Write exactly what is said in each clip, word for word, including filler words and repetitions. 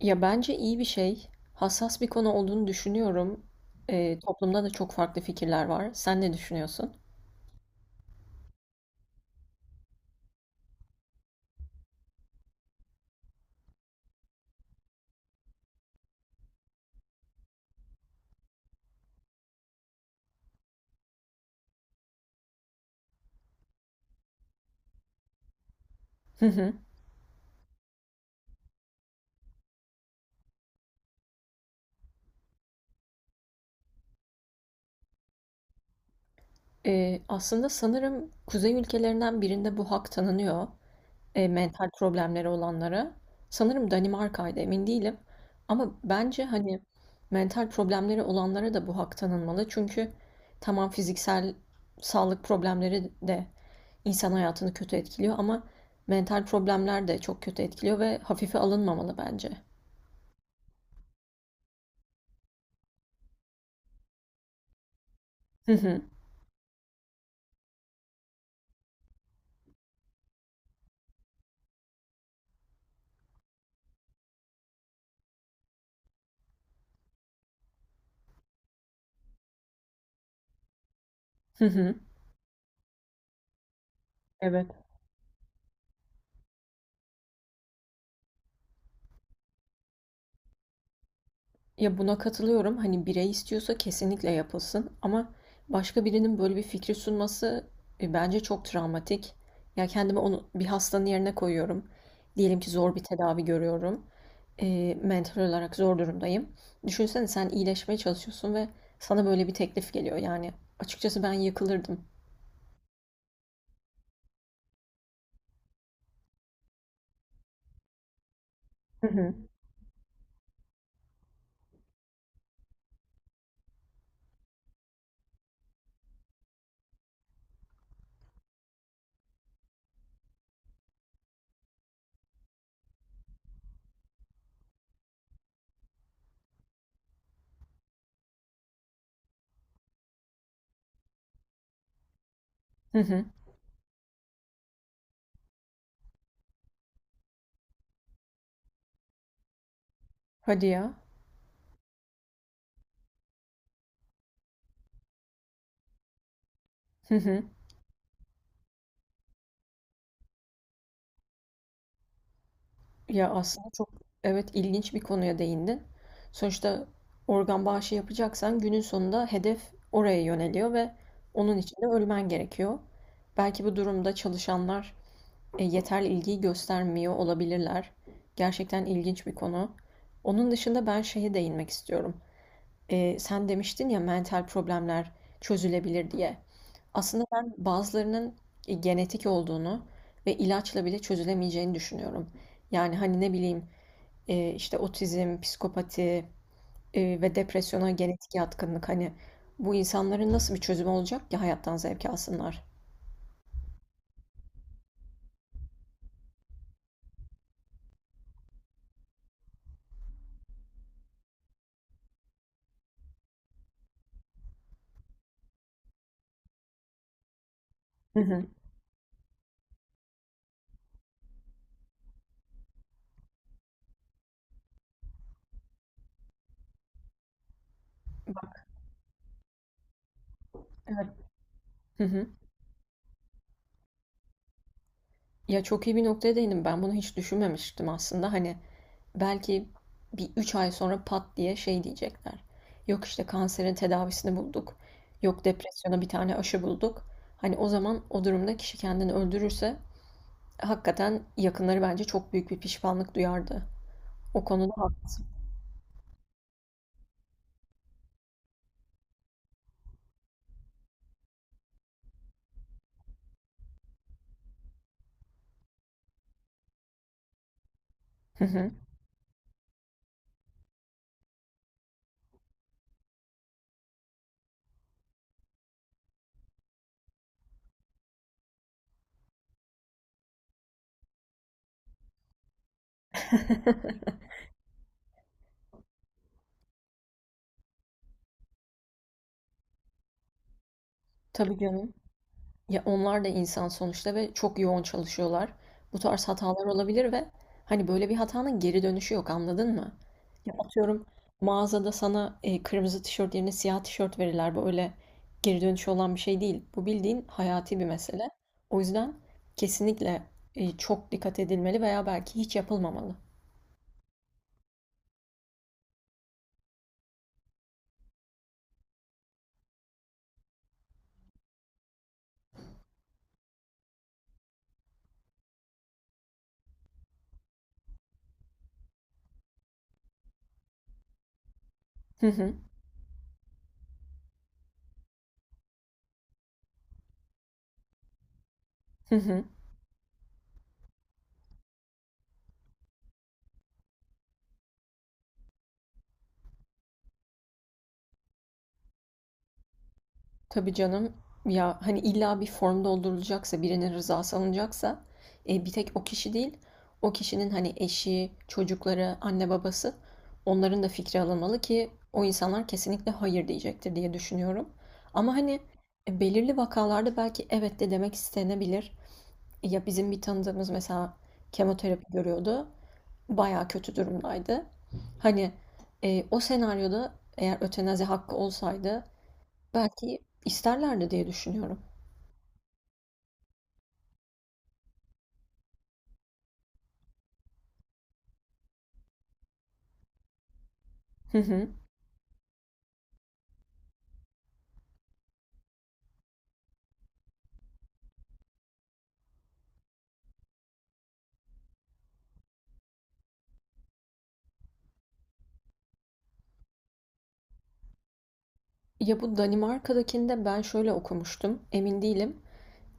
Ya, bence iyi bir şey. Hassas bir konu olduğunu düşünüyorum. Eee, toplumda da çok farklı fikirler var. Sen ne düşünüyorsun? Hı hı. Eee, aslında sanırım kuzey ülkelerinden birinde bu hak tanınıyor. E, mental problemleri olanlara. Sanırım Danimarka'ydı emin değilim. Ama bence hani mental problemleri olanlara da bu hak tanınmalı. Çünkü tamam fiziksel sağlık problemleri de insan hayatını kötü etkiliyor ama mental problemler de çok kötü etkiliyor ve hafife alınmamalı bence. Hı hı. Hı hı. Evet. Ya buna katılıyorum. Hani birey istiyorsa kesinlikle yapılsın ama başka birinin böyle bir fikri sunması e, bence çok travmatik. Ya kendimi onu bir hastanın yerine koyuyorum. Diyelim ki zor bir tedavi görüyorum. E, mental olarak zor durumdayım. Düşünsene sen iyileşmeye çalışıyorsun ve sana böyle bir teklif geliyor. Yani açıkçası ben yıkılırdım. Hı hı. Hı hı. Hadi ya. Hı hı. Ya aslında çok, evet, ilginç bir konuya değindin. Sonuçta organ bağışı yapacaksan günün sonunda hedef oraya yöneliyor ve onun için de ölmen gerekiyor. Belki bu durumda çalışanlar e, yeterli ilgiyi göstermiyor olabilirler. Gerçekten ilginç bir konu. Onun dışında ben şeye değinmek istiyorum. E, sen demiştin ya mental problemler çözülebilir diye. Aslında ben bazılarının e, genetik olduğunu ve ilaçla bile çözülemeyeceğini düşünüyorum. Yani hani ne bileyim e, işte otizm, psikopati, e, ve depresyona genetik yatkınlık, hani bu insanların nasıl bir çözümü olacak ki hayattan zevk alsınlar? Hı hı. Evet. Hı hı. Ya çok iyi bir noktaya değindim. Ben bunu hiç düşünmemiştim aslında. Hani belki bir üç ay sonra pat diye şey diyecekler. Yok işte kanserin tedavisini bulduk. Yok depresyona bir tane aşı bulduk. Hani o zaman o durumda kişi kendini öldürürse hakikaten yakınları bence çok büyük bir pişmanlık duyardı. O konuda haklısın. Hı hı. Tabii canım. Ya onlar da insan sonuçta ve çok yoğun çalışıyorlar. Bu tarz hatalar olabilir ve hani böyle bir hatanın geri dönüşü yok, anladın mı? Ya atıyorum, mağazada sana e, kırmızı tişört yerine siyah tişört verirler. Böyle geri dönüşü olan bir şey değil. Bu bildiğin hayati bir mesele. O yüzden kesinlikle e, çok dikkat edilmeli veya belki hiç yapılmamalı. Hı hı. Hı hı. Tabii canım. Ya hani illa bir form doldurulacaksa, birinin rızası alınacaksa, e, bir tek o kişi değil, o kişinin hani eşi, çocukları, anne babası, onların da fikri alınmalı ki o insanlar kesinlikle hayır diyecektir diye düşünüyorum. Ama hani e, belirli vakalarda belki evet de demek istenebilir. Ya bizim bir tanıdığımız mesela kemoterapi görüyordu. Baya kötü durumdaydı. Hani e, o senaryoda eğer ötenazi hakkı olsaydı belki isterlerdi diye düşünüyorum. Hı hı. Ya bu Danimarka'dakinde ben şöyle okumuştum, emin değilim.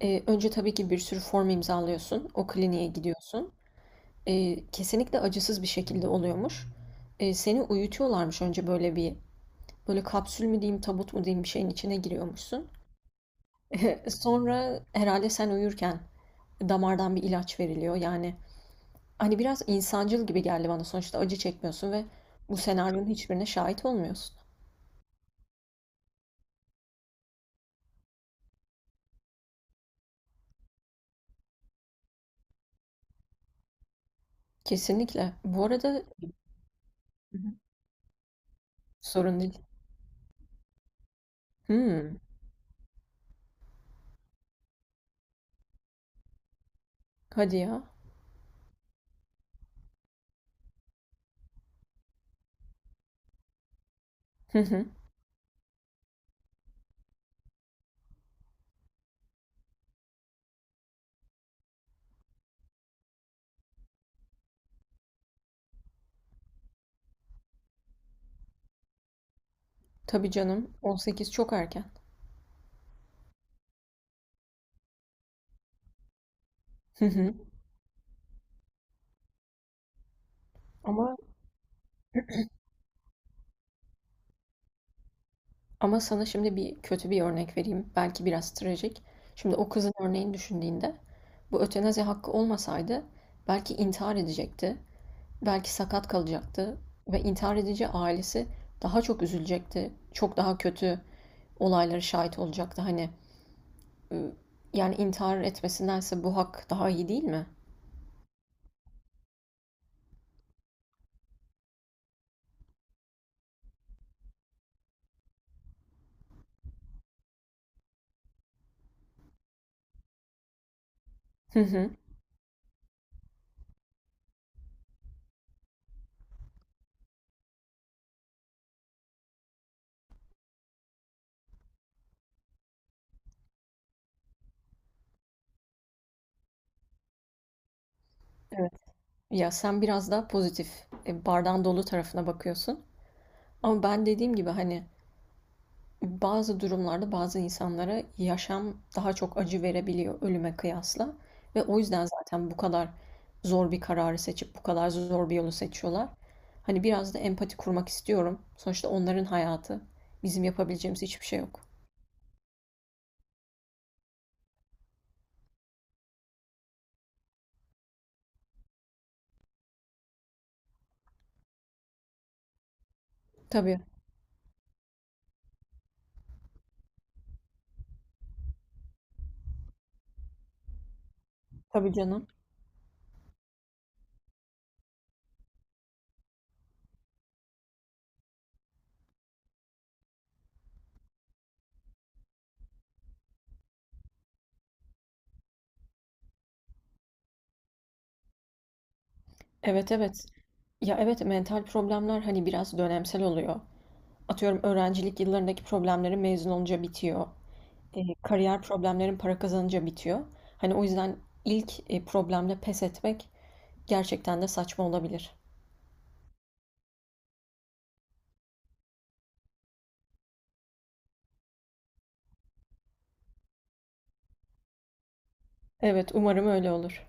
Ee, önce tabii ki bir sürü form imzalıyorsun, o kliniğe gidiyorsun. Ee, kesinlikle acısız bir şekilde oluyormuş. Ee, seni uyutuyorlarmış önce, böyle bir, böyle kapsül mü diyeyim, tabut mu diyeyim bir şeyin içine giriyormuşsun. Sonra herhalde sen uyurken damardan bir ilaç veriliyor. Yani hani biraz insancıl gibi geldi bana. Sonuçta acı çekmiyorsun ve bu senaryonun hiçbirine şahit olmuyorsun. Kesinlikle. Bu arada, Hı hı, sorun değil. Hımm. Hadi ya. Hı hı. Tabii canım. on sekiz çok erken. Hı hı. Ama ama sana şimdi bir kötü bir örnek vereyim. Belki biraz trajik. Şimdi o kızın örneğini düşündüğünde bu ötenazi hakkı olmasaydı belki intihar edecekti. Belki sakat kalacaktı ve intihar edici ailesi daha çok üzülecekti. Çok daha kötü olaylara şahit olacaktı. Hani ıı, yani intihar etmesindense bu hak daha iyi değil mi? Hı hı. Evet. Ya sen biraz daha pozitif, e, bardağın dolu tarafına bakıyorsun. Ama ben dediğim gibi hani bazı durumlarda bazı insanlara yaşam daha çok acı verebiliyor ölüme kıyasla. Ve o yüzden zaten bu kadar zor bir kararı seçip bu kadar zor bir yolu seçiyorlar. Hani biraz da empati kurmak istiyorum. Sonuçta onların hayatı. Bizim yapabileceğimiz hiçbir şey yok. Tabii, tabii canım. Evet, evet. Ya evet, mental problemler hani biraz dönemsel oluyor. Atıyorum öğrencilik yıllarındaki problemlerin mezun olunca bitiyor. Eee, kariyer problemlerin para kazanınca bitiyor. Hani o yüzden ilk e, problemle pes etmek gerçekten de saçma olabilir. Evet, umarım öyle olur.